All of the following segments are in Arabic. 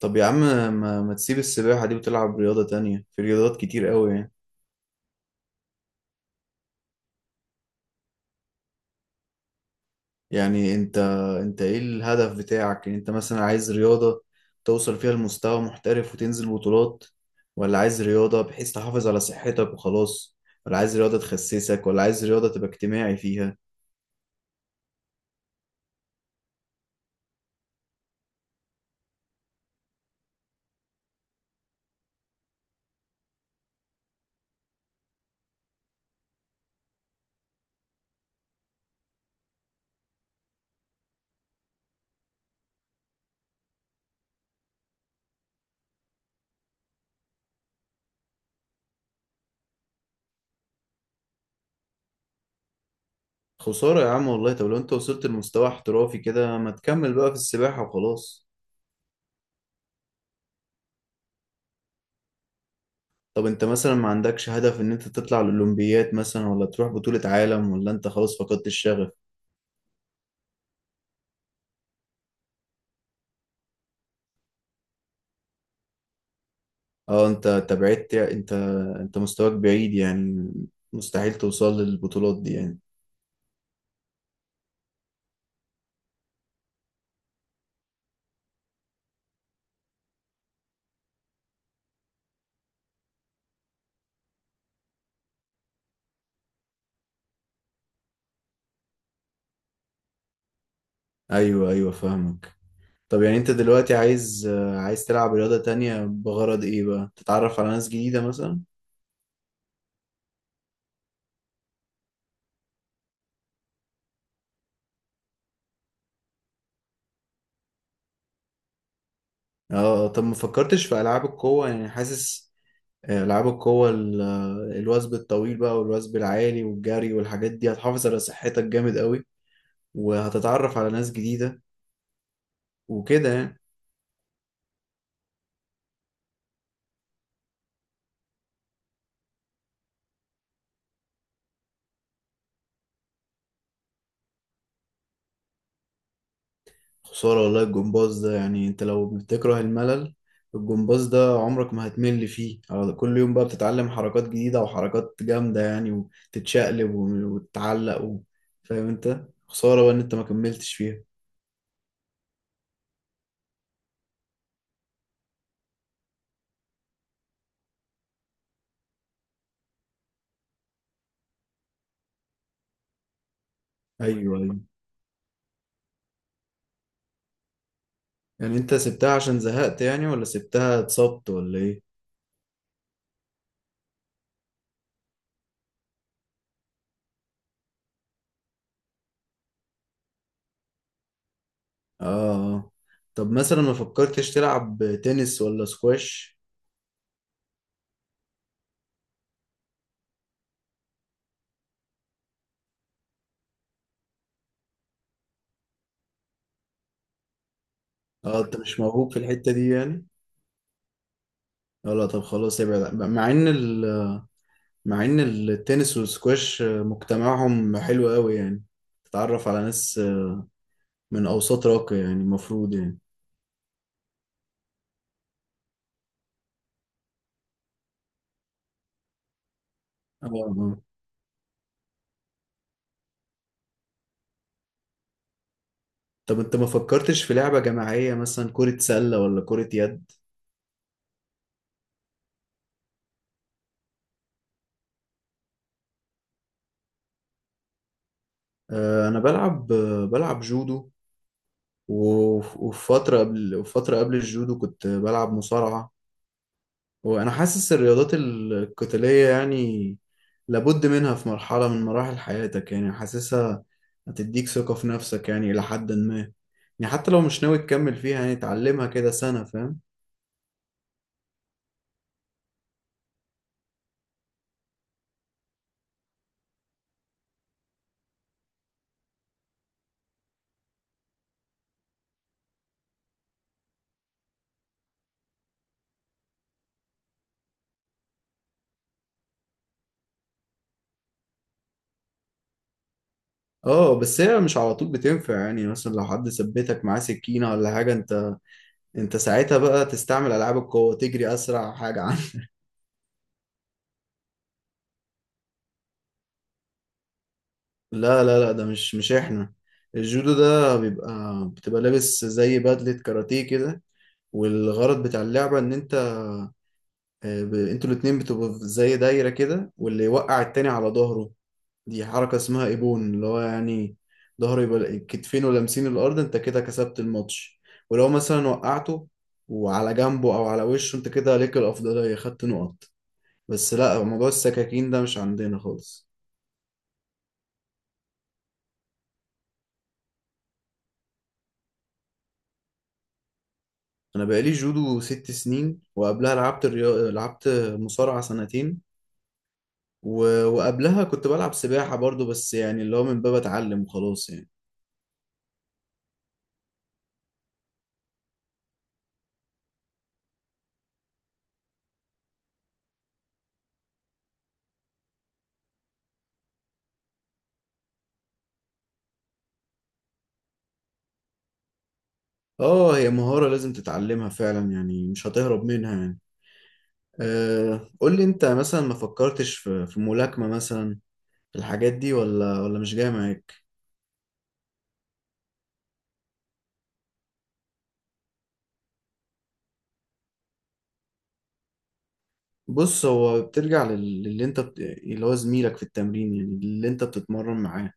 طب يا عم، ما تسيب السباحة دي وتلعب رياضة تانية؟ في رياضات كتير قوي يعني. يعني انت ايه الهدف بتاعك؟ يعني انت مثلا عايز رياضة توصل فيها لمستوى محترف وتنزل بطولات، ولا عايز رياضة بحيث تحافظ على صحتك وخلاص، ولا عايز رياضة تخسسك، ولا عايز رياضة تبقى اجتماعي فيها؟ خسارة يا عم والله. طب لو انت وصلت لمستوى احترافي كده، ما تكمل بقى في السباحة وخلاص. طب انت مثلا ما عندكش هدف ان انت تطلع الأولمبيات مثلا، ولا تروح بطولة عالم، ولا انت خلاص فقدت الشغف؟ اه، انت بعدت، انت مستواك بعيد يعني، مستحيل توصل للبطولات دي يعني. ايوه، ايوه، فاهمك. طب يعني انت دلوقتي عايز، عايز تلعب رياضة تانية بغرض ايه بقى؟ تتعرف على ناس جديدة مثلا؟ اه، اه. طب ما فكرتش في العاب القوة؟ يعني حاسس، العاب القوة، الوثب الطويل بقى، والوثب العالي، والجري، والحاجات دي هتحافظ على صحتك جامد قوي، وهتتعرف على ناس جديدة، وكده يعني. خسارة والله! الجمباز ده يعني، انت لو بتكره الملل، الجمباز ده عمرك ما هتمل فيه. كل يوم بقى بتتعلم حركات جديدة وحركات جامدة يعني، وتتشقلب، وتتعلق، فاهم انت. خسارة بقى ان انت ما كملتش فيها. ايوه، ايوه. يعني انت سبتها عشان زهقت، يعني ولا سبتها اتصبت ولا ايه؟ اه، اه. طب مثلا ما فكرتش تلعب تنس ولا سكواش؟ اه، انت مش موهوب في الحتة دي يعني. اه، لا. طب خلاص ابعد، مع ان، مع ان التنس والسكواش مجتمعهم حلو قوي يعني، تتعرف على ناس من اوساط راقية يعني، المفروض يعني. اه. آه. طب انت ما فكرتش في لعبة جماعية مثلا، كرة سلة ولا كرة يد؟ آه، انا بلعب، بلعب جودو. و- وفي فترة قبل، وفترة قبل الجودو كنت بلعب مصارعة. وانا حاسس الرياضات القتالية يعني لابد منها في مرحلة من مراحل حياتك يعني، حاسسها هتديك ثقة في نفسك يعني، إلى حد ما. يعني حتى لو مش ناوي تكمل فيها يعني، تعلمها كده سنة، فاهم. اه، بس هي مش على طول بتنفع يعني. مثلا لو حد ثبتك معاه سكينة ولا حاجة، انت ساعتها بقى تستعمل ألعاب القوة، تجري أسرع حاجة عنه. لا، لا، لا، ده مش احنا. الجودو ده بيبقى، بتبقى لابس زي بدلة كاراتيه كده. والغرض بتاع اللعبة إن أنت، انتوا الاتنين بتبقوا في زي دايرة كده، واللي يوقع التاني على ظهره، دي حركة اسمها ايبون، اللي هو يعني ظهره يبقى كتفينه لامسين الأرض، انت كده كسبت الماتش. ولو مثلا وقعته وعلى جنبه أو على وشه، انت كده ليك الأفضلية، خدت نقط. بس لا، موضوع السكاكين ده مش عندنا خالص. أنا بقالي جودو ست سنين، وقبلها لعبت لعبت مصارعة سنتين. وقبلها كنت بلعب سباحة برضو، بس يعني اللي هو من باب أتعلم وخلاص يعني. اه، هي مهارة لازم تتعلمها فعلا يعني، مش هتهرب منها يعني. أه، قول لي انت مثلا ما فكرتش في ملاكمة مثلا؟ الحاجات دي، ولا مش جاية معاك؟ بص، هو بترجع للي انت، اللي هو زميلك في التمرين يعني، اللي انت بتتمرن معاه.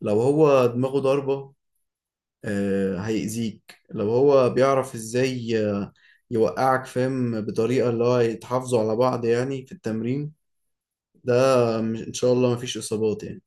لو هو دماغه ضاربة، أه هيأذيك. لو هو بيعرف ازاي، يوقعك فاهم بطريقة، اللي هو يتحافظوا على بعض يعني في التمرين ده. ان شاء الله مفيش اصابات يعني.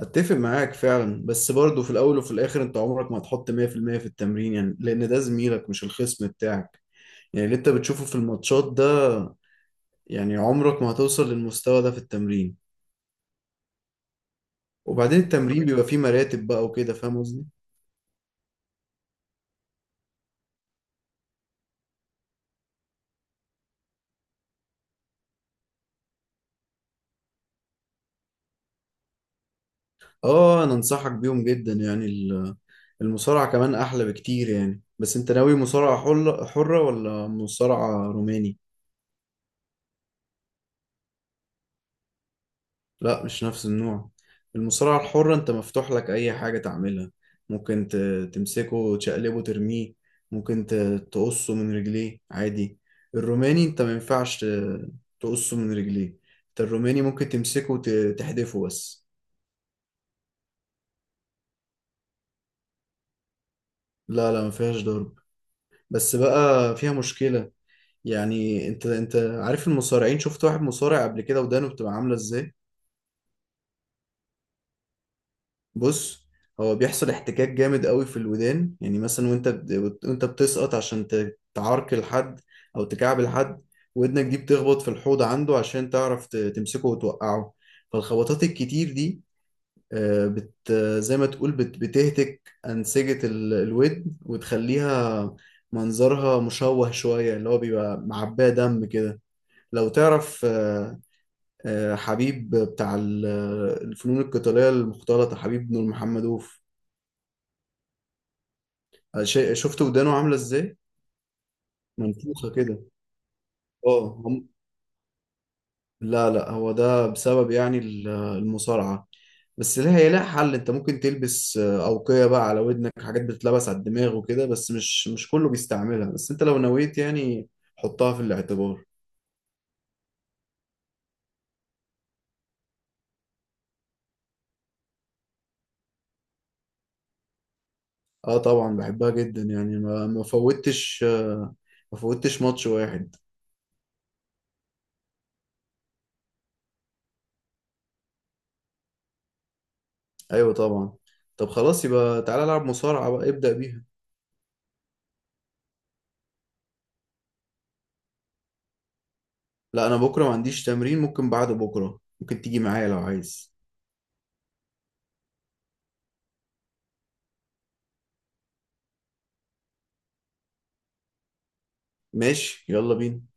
اتفق معاك فعلا، بس برضه في الاول وفي الاخر انت عمرك ما هتحط 100% في المية في التمرين يعني، لان ده زميلك مش الخصم بتاعك. يعني اللي انت بتشوفه في الماتشات ده، يعني عمرك ما هتوصل للمستوى ده في التمرين. وبعدين التمرين بيبقى فيه مراتب بقى وكده، فاهم قصدي. اه، انا انصحك بيهم جدا يعني. المصارعة كمان احلى بكتير يعني. بس انت ناوي مصارعة حرة ولا مصارعة روماني؟ لا، مش نفس النوع. المصارعة الحرة انت مفتوح لك اي حاجة تعملها. ممكن تمسكه وتشقلبه ترميه. ممكن تقصه من رجليه عادي. الروماني انت ما ينفعش تقصه من رجليه. انت الروماني ممكن تمسكه وتحدفه بس. لا، لا، ما فيهاش ضرب. بس بقى فيها مشكلة. يعني انت عارف المصارعين؟ شفت واحد مصارع قبل كده، ودانه بتبقى عاملة ازاي؟ بص، هو بيحصل احتكاك جامد قوي في الودان يعني. مثلا وانت وانت بتسقط عشان تعركل حد او تكعبل حد، ودنك دي بتخبط في الحوض عنده عشان تعرف تمسكه وتوقعه. فالخبطات الكتير دي، آه، بت زي ما تقول، بت بتهتك أنسجة، الودن، وتخليها منظرها مشوه شوية، اللي هو بيبقى معباه دم كده. لو تعرف، حبيب بتاع، الفنون القتالية المختلطة، حبيب بن محمد أوف، شيء، شفت ودانه عامله ازاي؟ منفوخه كده. اه لا، لا، هو ده بسبب يعني المصارعه. بس لها، هي لها حل. انت ممكن تلبس، اوقيه بقى على ودنك، حاجات بتتلبس على الدماغ وكده، بس مش كله بيستعملها. بس انت لو نويت يعني، حطها في الاعتبار. اه طبعا بحبها جدا يعني، ما فوتش، ما فوتش ماتش واحد. ايوه طبعا. طب خلاص يبقى تعالى العب مصارعه بقى، ابدأ بيها. لا، انا بكره ما عنديش تمرين. ممكن بعد بكره، ممكن تيجي معايا لو عايز. ماشي، يلا بينا.